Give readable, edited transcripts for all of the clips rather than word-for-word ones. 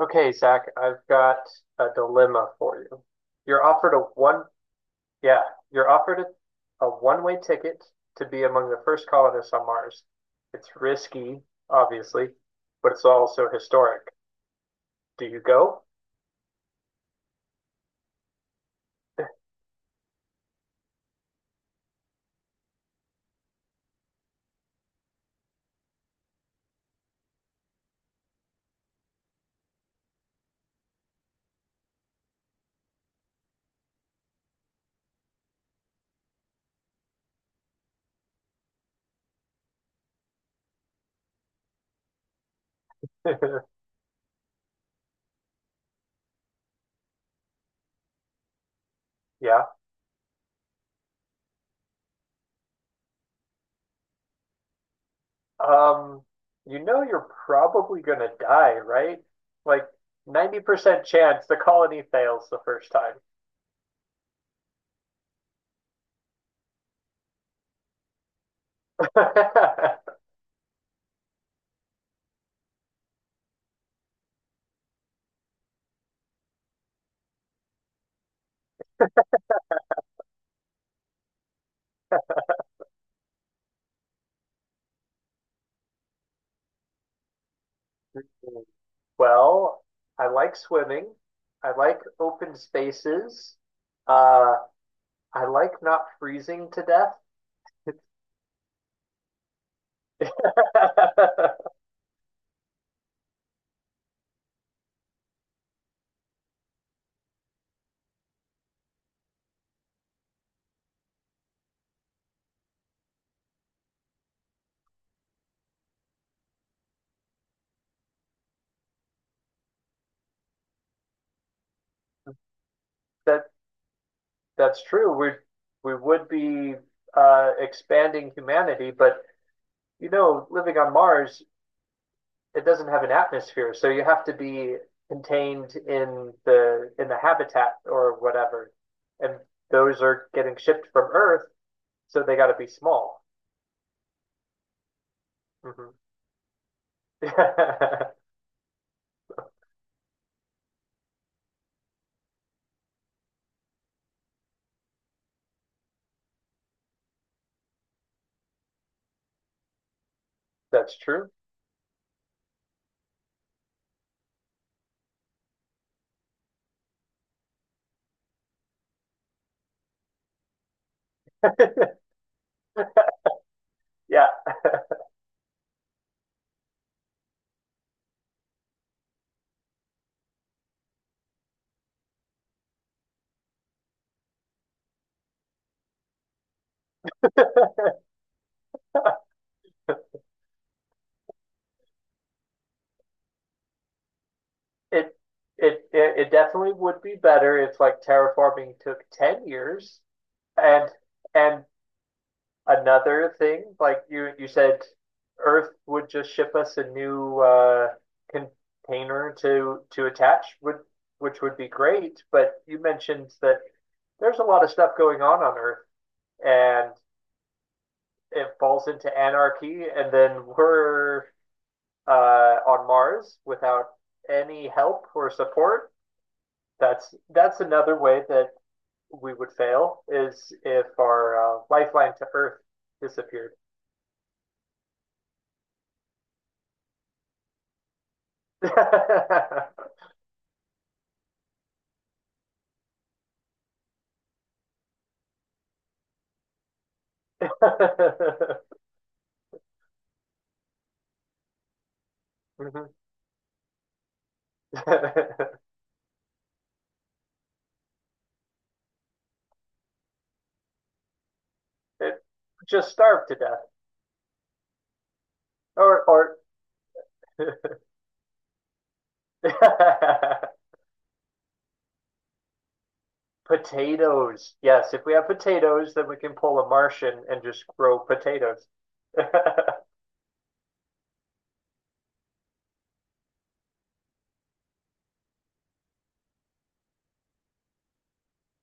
Okay, Zach, I've got a dilemma for you. You're offered yeah, you're offered a one-way ticket to be among the first colonists on Mars. It's risky, obviously, but it's also historic. Do you go? Yeah. Um, you know you're probably gonna die, right? Like 90% chance the colony fails the first time. Well, I like swimming. I like open spaces. Uh, I like not freezing to death. That that's true. We would be expanding humanity, but living on Mars, it doesn't have an atmosphere, so you have to be contained in the habitat or whatever. And those are getting shipped from Earth, so they got to be small. Hmm. That's true. Yeah, it, it definitely would be better if like terraforming took 10 years. And and another thing, like you said Earth would just ship us a new container to attach would which would be great, but you mentioned that there's a lot of stuff going on Earth and it falls into anarchy and then we're on Mars without any help or support. That's another way that we would fail is if our lifeline to Earth disappeared. Mhm. It just starved to death, or potatoes. Yes, if we have potatoes, then we can pull a Martian and just grow potatoes.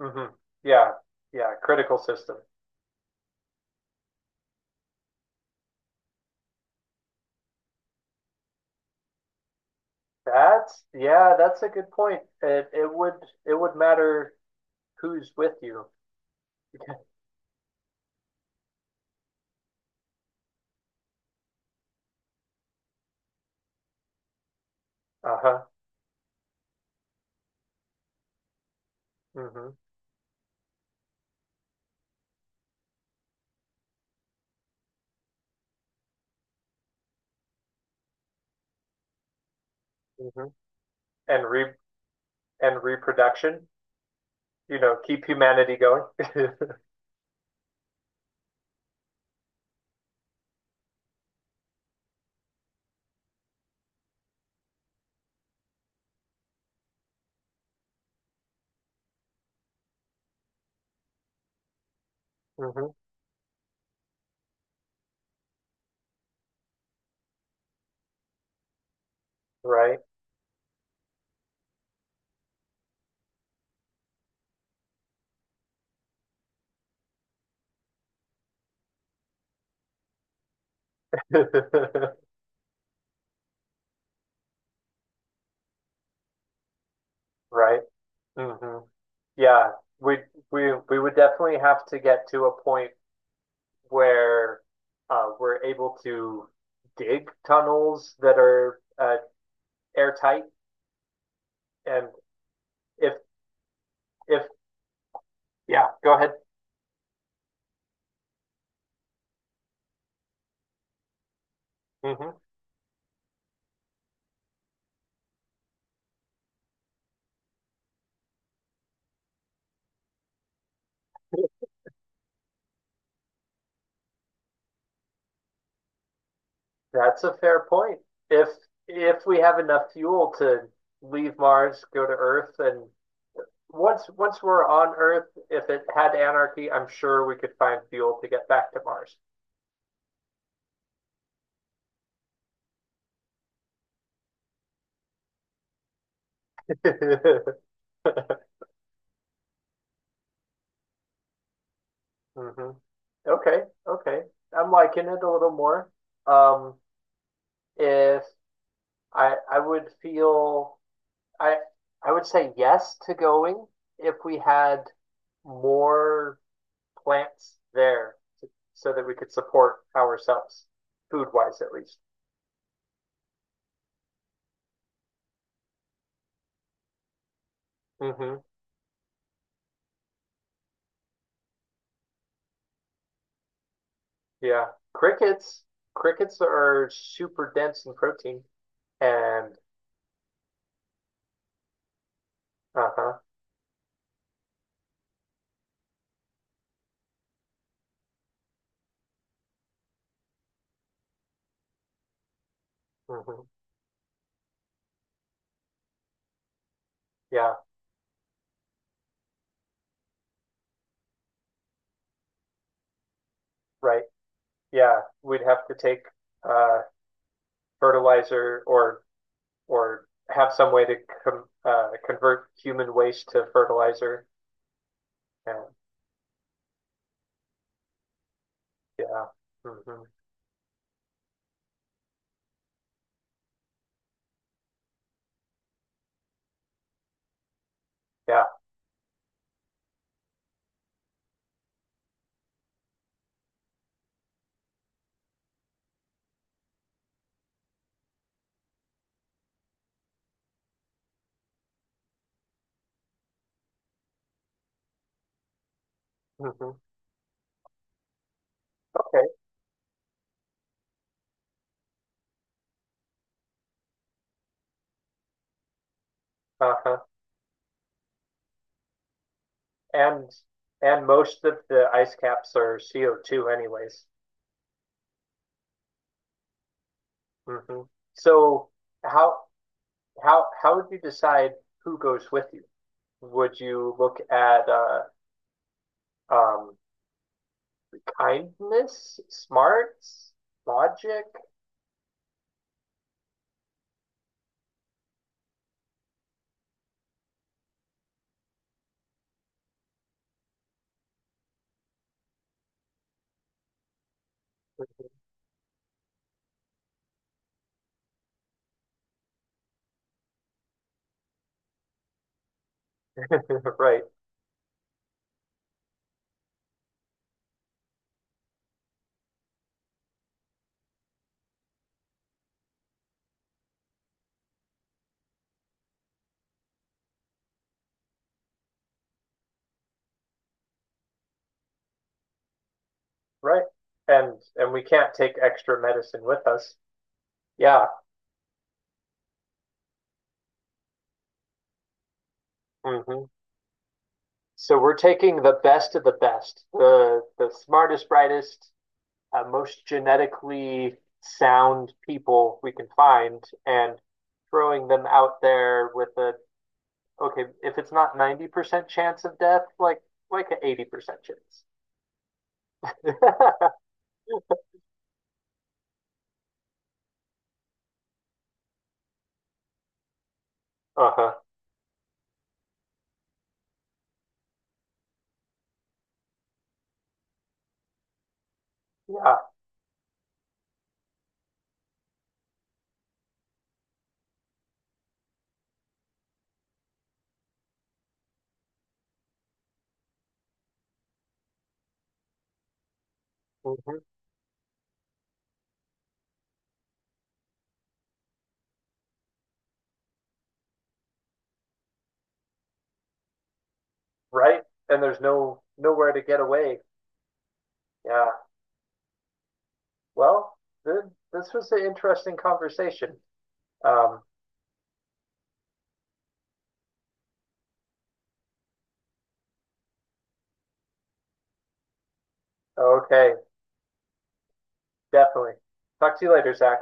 Hmm. Yeah, yeah. Critical system. That's Yeah. That's a good point. It would matter who's with you. Uh-huh. Hmm. Hmm. And re and reproduction, keep humanity going. Hmm. Right. Right. Hmm. Yeah. We we would definitely have to get to a point where we're able to dig tunnels that are airtight. And if if Yeah, go ahead. Hmm. That's a fair point. If if we have enough fuel to leave Mars, go to Earth, and once we're on Earth, if it had anarchy, I'm sure we could find fuel to get back to Mars. Hmm. Okay, okay. I'm liking it a little more. Um, if I I would feel I I would say yes to going if we had more plants there so that we could support ourselves, food wise at least. Hmm. Yeah. Crickets. Crickets are super dense in protein. And Uh-huh. Hmm. Yeah, right. Yeah, we'd have to take uh fertilizer or have some way to com convert human waste to fertilizer. And Yeah. Hmm. Yeah. Hmm. Okay. Uh-huh. And and most of the ice caps are CO2 anyways. Hmm. So how how would you decide who goes with you? Would you look at um, kindness, smarts, logic? Right, right. And we can't take extra medicine with us. Yeah. Hmm. So we're taking the best of the best, the smartest, brightest, most genetically sound people we can find, and throwing them out there with a, okay, if it's not 90% chance of death, like an 80% chance. Uh-huh. Yeah. Hmm. Right? And there's no nowhere to get away. Yeah. Well, th this was an interesting conversation. Um, okay, definitely. Talk to you later, Zach.